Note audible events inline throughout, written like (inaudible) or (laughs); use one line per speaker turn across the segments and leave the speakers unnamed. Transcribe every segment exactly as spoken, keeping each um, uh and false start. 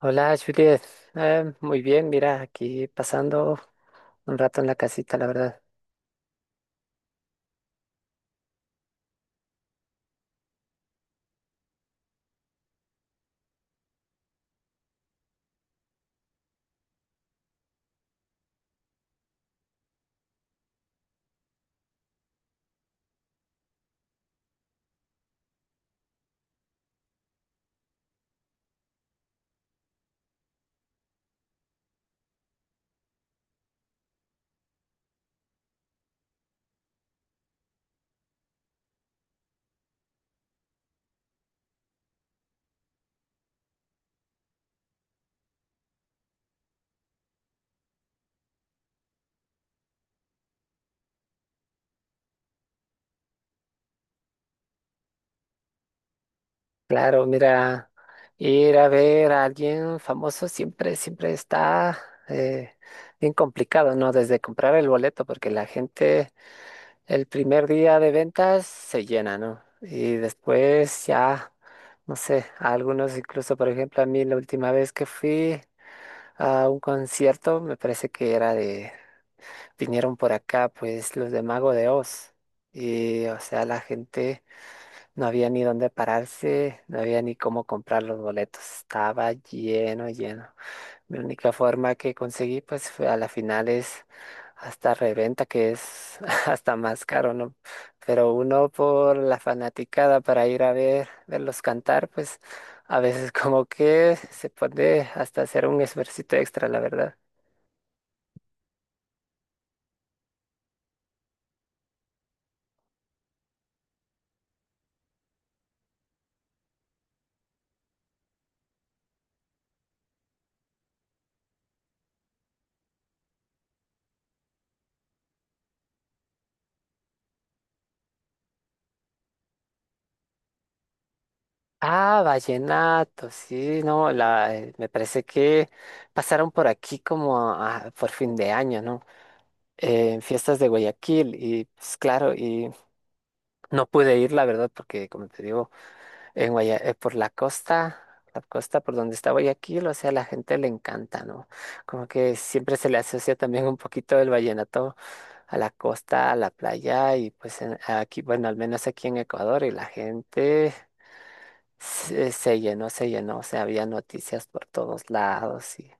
Hola, Juliet. Eh, muy bien, mira, aquí pasando un rato en la casita, la verdad. Claro, mira, ir a ver a alguien famoso siempre, siempre está eh, bien complicado, ¿no? Desde comprar el boleto, porque la gente el primer día de ventas se llena, ¿no? Y después ya, no sé, a algunos incluso, por ejemplo, a mí la última vez que fui a un concierto, me parece que era de vinieron por acá, pues los de Mago de Oz. Y, o sea, la gente no había ni dónde pararse, no había ni cómo comprar los boletos. Estaba lleno, lleno. Mi única forma que conseguí, pues, fue a la final es hasta reventa, que es (laughs) hasta más caro, ¿no? Pero uno por la fanaticada para ir a ver, verlos cantar, pues, a veces como que se puede hasta hacer un esfuercito extra, la verdad. Ah, vallenato, sí, no, la, eh, me parece que pasaron por aquí como a- por fin de año, ¿no? Eh, en fiestas de Guayaquil y pues claro, y no pude ir, la verdad, porque como te digo, en Guaya- eh, por la costa, la costa por donde está Guayaquil, o sea, a la gente le encanta, ¿no? Como que siempre se le asocia también un poquito el vallenato a la costa, a la playa y pues en- aquí, bueno, al menos aquí en Ecuador y la gente se, se llenó, se llenó, o sea, había noticias por todos lados y,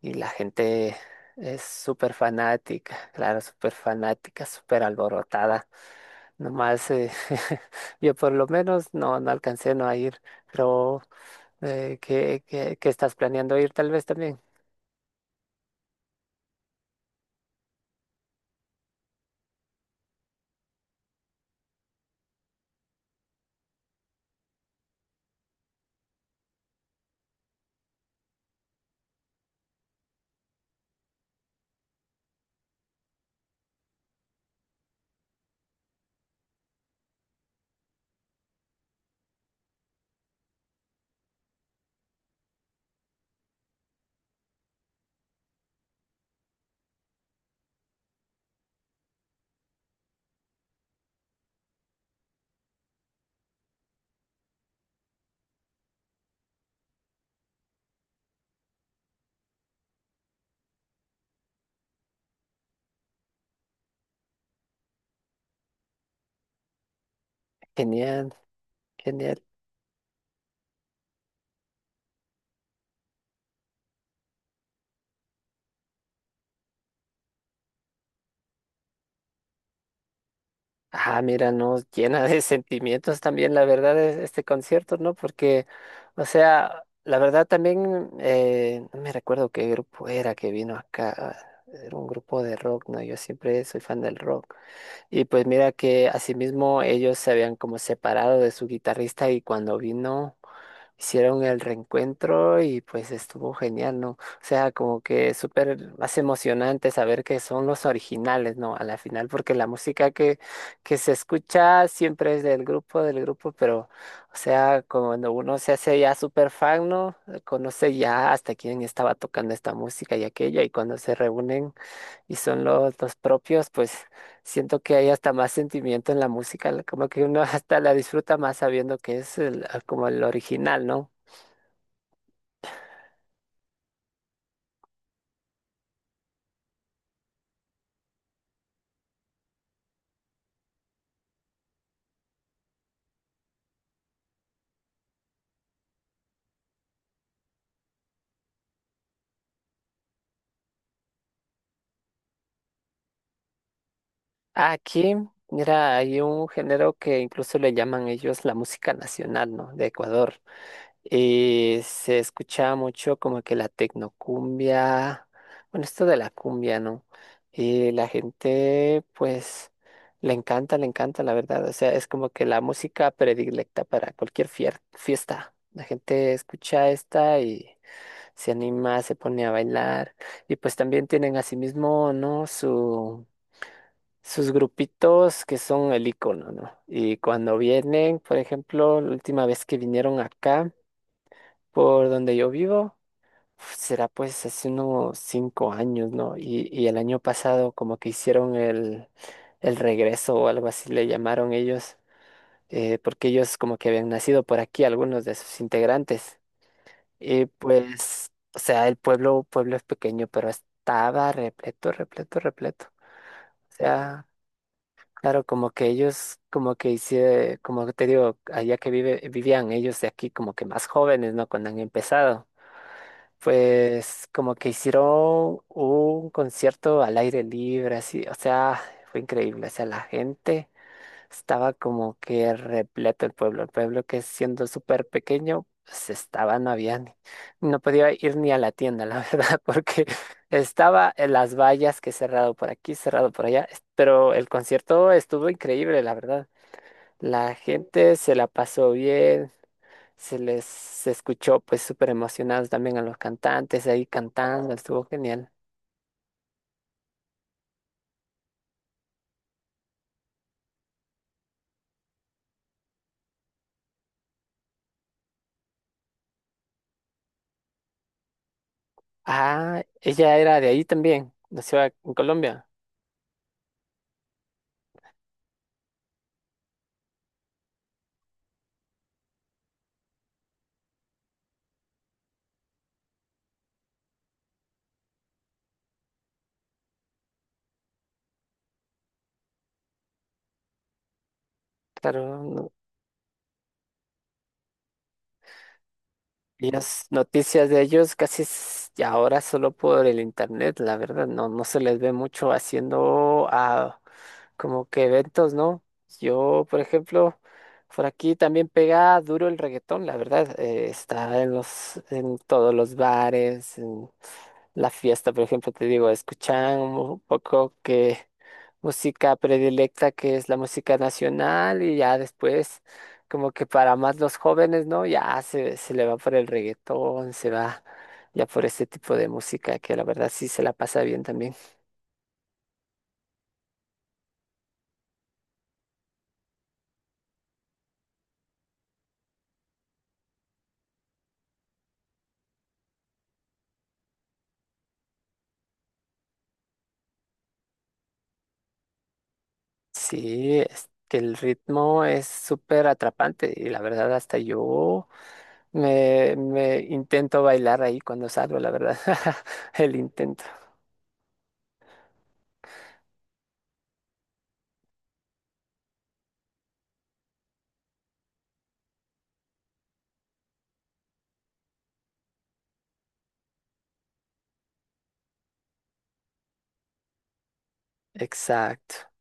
y la gente es súper fanática, claro, súper fanática, súper alborotada. Nomás eh, (laughs) yo por lo menos no, no alcancé no a ir, pero eh, ¿qué, qué- qué estás planeando ir tal vez también? Genial, genial. Ah, mira, no, llena de (laughs) sentimientos también, la verdad, es este concierto, ¿no? Porque, o sea, la verdad también, eh, no me recuerdo qué grupo era que vino acá, era un grupo de rock, ¿no? Yo siempre soy fan del rock. Y pues mira que asimismo ellos se habían como separado de su guitarrista y cuando vino hicieron el reencuentro y pues estuvo genial, ¿no? O sea, como que súper más emocionante saber que son los originales, ¿no? A la final, porque la música que, que se escucha siempre es del grupo, del grupo, pero, o sea, cuando uno se hace ya súper fan, ¿no? Conoce ya hasta quién estaba tocando esta música y aquella y cuando se reúnen y son los, los propios, pues siento que hay hasta más sentimiento en la música, la- como que uno (laughs) hasta la disfruta más sabiendo que es el- ah, como el original, ¿no? Aquí, mira, hay un género que incluso le llaman ellos la música nacional, ¿no? De Ecuador. Y se escuchaba mucho como que la tecnocumbia, bueno, esto de la cumbia, ¿no? Y la gente, pues, le encanta, le encanta, la verdad. O sea, es como que la música predilecta para cualquier fier- fiesta. La gente escucha esta y se anima, se pone a bailar. Y pues también tienen asimismo, ¿no? Su, sus grupitos que son el icono, ¿no? Y cuando vienen, por ejemplo, la última vez que vinieron acá, por donde yo vivo, uf, será pues hace unos cinco años, ¿no? Y, y el año pasado como que hicieron el, el regreso o algo así le llamaron ellos, eh, porque ellos como que habían nacido por aquí, algunos de sus integrantes. Y pues, o sea, el pueblo, pueblo es pequeño, pero estaba repleto, repleto, repleto. O sea, claro, como que ellos, como que hicieron, como te digo, allá que vive, vivían ellos de aquí como que más jóvenes, ¿no? Cuando han empezado. Pues como que hicieron un concierto al aire libre, así, o sea, fue increíble, o sea, la gente estaba como que repleto el pueblo, el pueblo que siendo súper pequeño, pues estaba, no había, ni- no podía ir ni a la tienda, la (laughs) verdad, porque estaba en las vallas que cerrado por aquí, cerrado por allá, es- pero el concierto estuvo increíble, la verdad, la gente se la pasó bien, se les se escuchó pues súper emocionados también a los cantantes ahí cantando, estuvo genial. Ah, ella era de ahí también, nació a- en Colombia. Claro, no, Ellos noticias de ellos casi s- ya ahora solo por el internet, la verdad, no, no se les ve mucho haciendo ah, como que eventos, ¿no? Yo, por ejemplo, por aquí también pega duro el reggaetón, la verdad, eh, está en los, en todos los bares, en la fiesta, por ejemplo, te digo, escuchan un poco que música predilecta que es la música nacional y ya después como que para más los jóvenes, ¿no? Ya se, se le va por el reggaetón, se va ya por este tipo de música que la verdad sí se la pasa bien también. Sí, es que el ritmo es súper atrapante y la verdad hasta yo me, me intento bailar ahí cuando salgo, la verdad, (laughs) el intento. Exacto.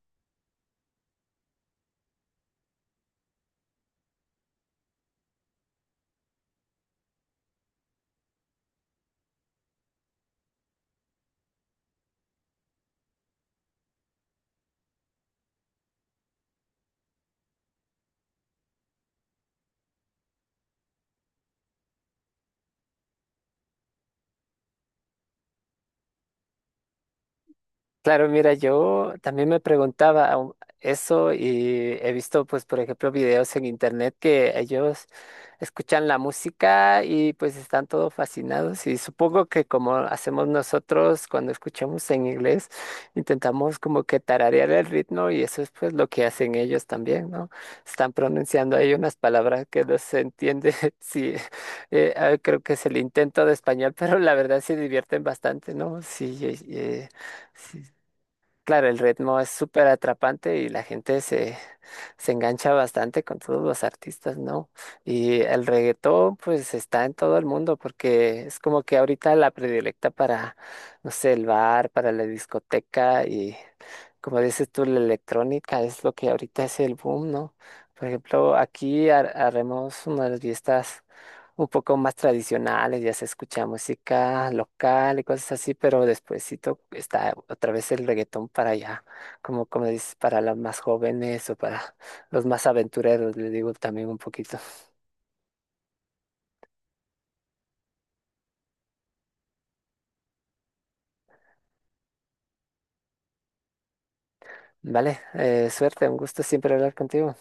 Claro, mira, yo también me preguntaba au- eso y he visto, pues, por ejemplo, videos en internet que ellos escuchan la música y pues están todo fascinados y supongo que como hacemos nosotros cuando escuchamos en inglés, intentamos como que tararear el ritmo y eso es pues lo que hacen ellos también, ¿no? Están pronunciando ahí unas palabras que no se entiende, (laughs) sí, eh, ah, creo que es el intento de español, pero la verdad se divierten bastante, ¿no? Sí, eh, eh, sí. Claro, el ritmo es súper atrapante y la gente se, se engancha bastante con todos los artistas, ¿no? Y el reggaetón, pues está en todo el mundo porque es como que ahorita la predilecta para, no sé, el bar, para la discoteca y, como dices tú, la electrónica es lo que ahorita es el boom, ¿no? Por ejemplo, aquí har- haremos unas fiestas un poco más tradicionales, ya se escucha música local y cosas así, pero despuesito está otra vez el reggaetón para allá, como, como dices, para los más jóvenes o para los más aventureros, le digo también un poquito. Vale, Eh, suerte, un gusto siempre hablar contigo.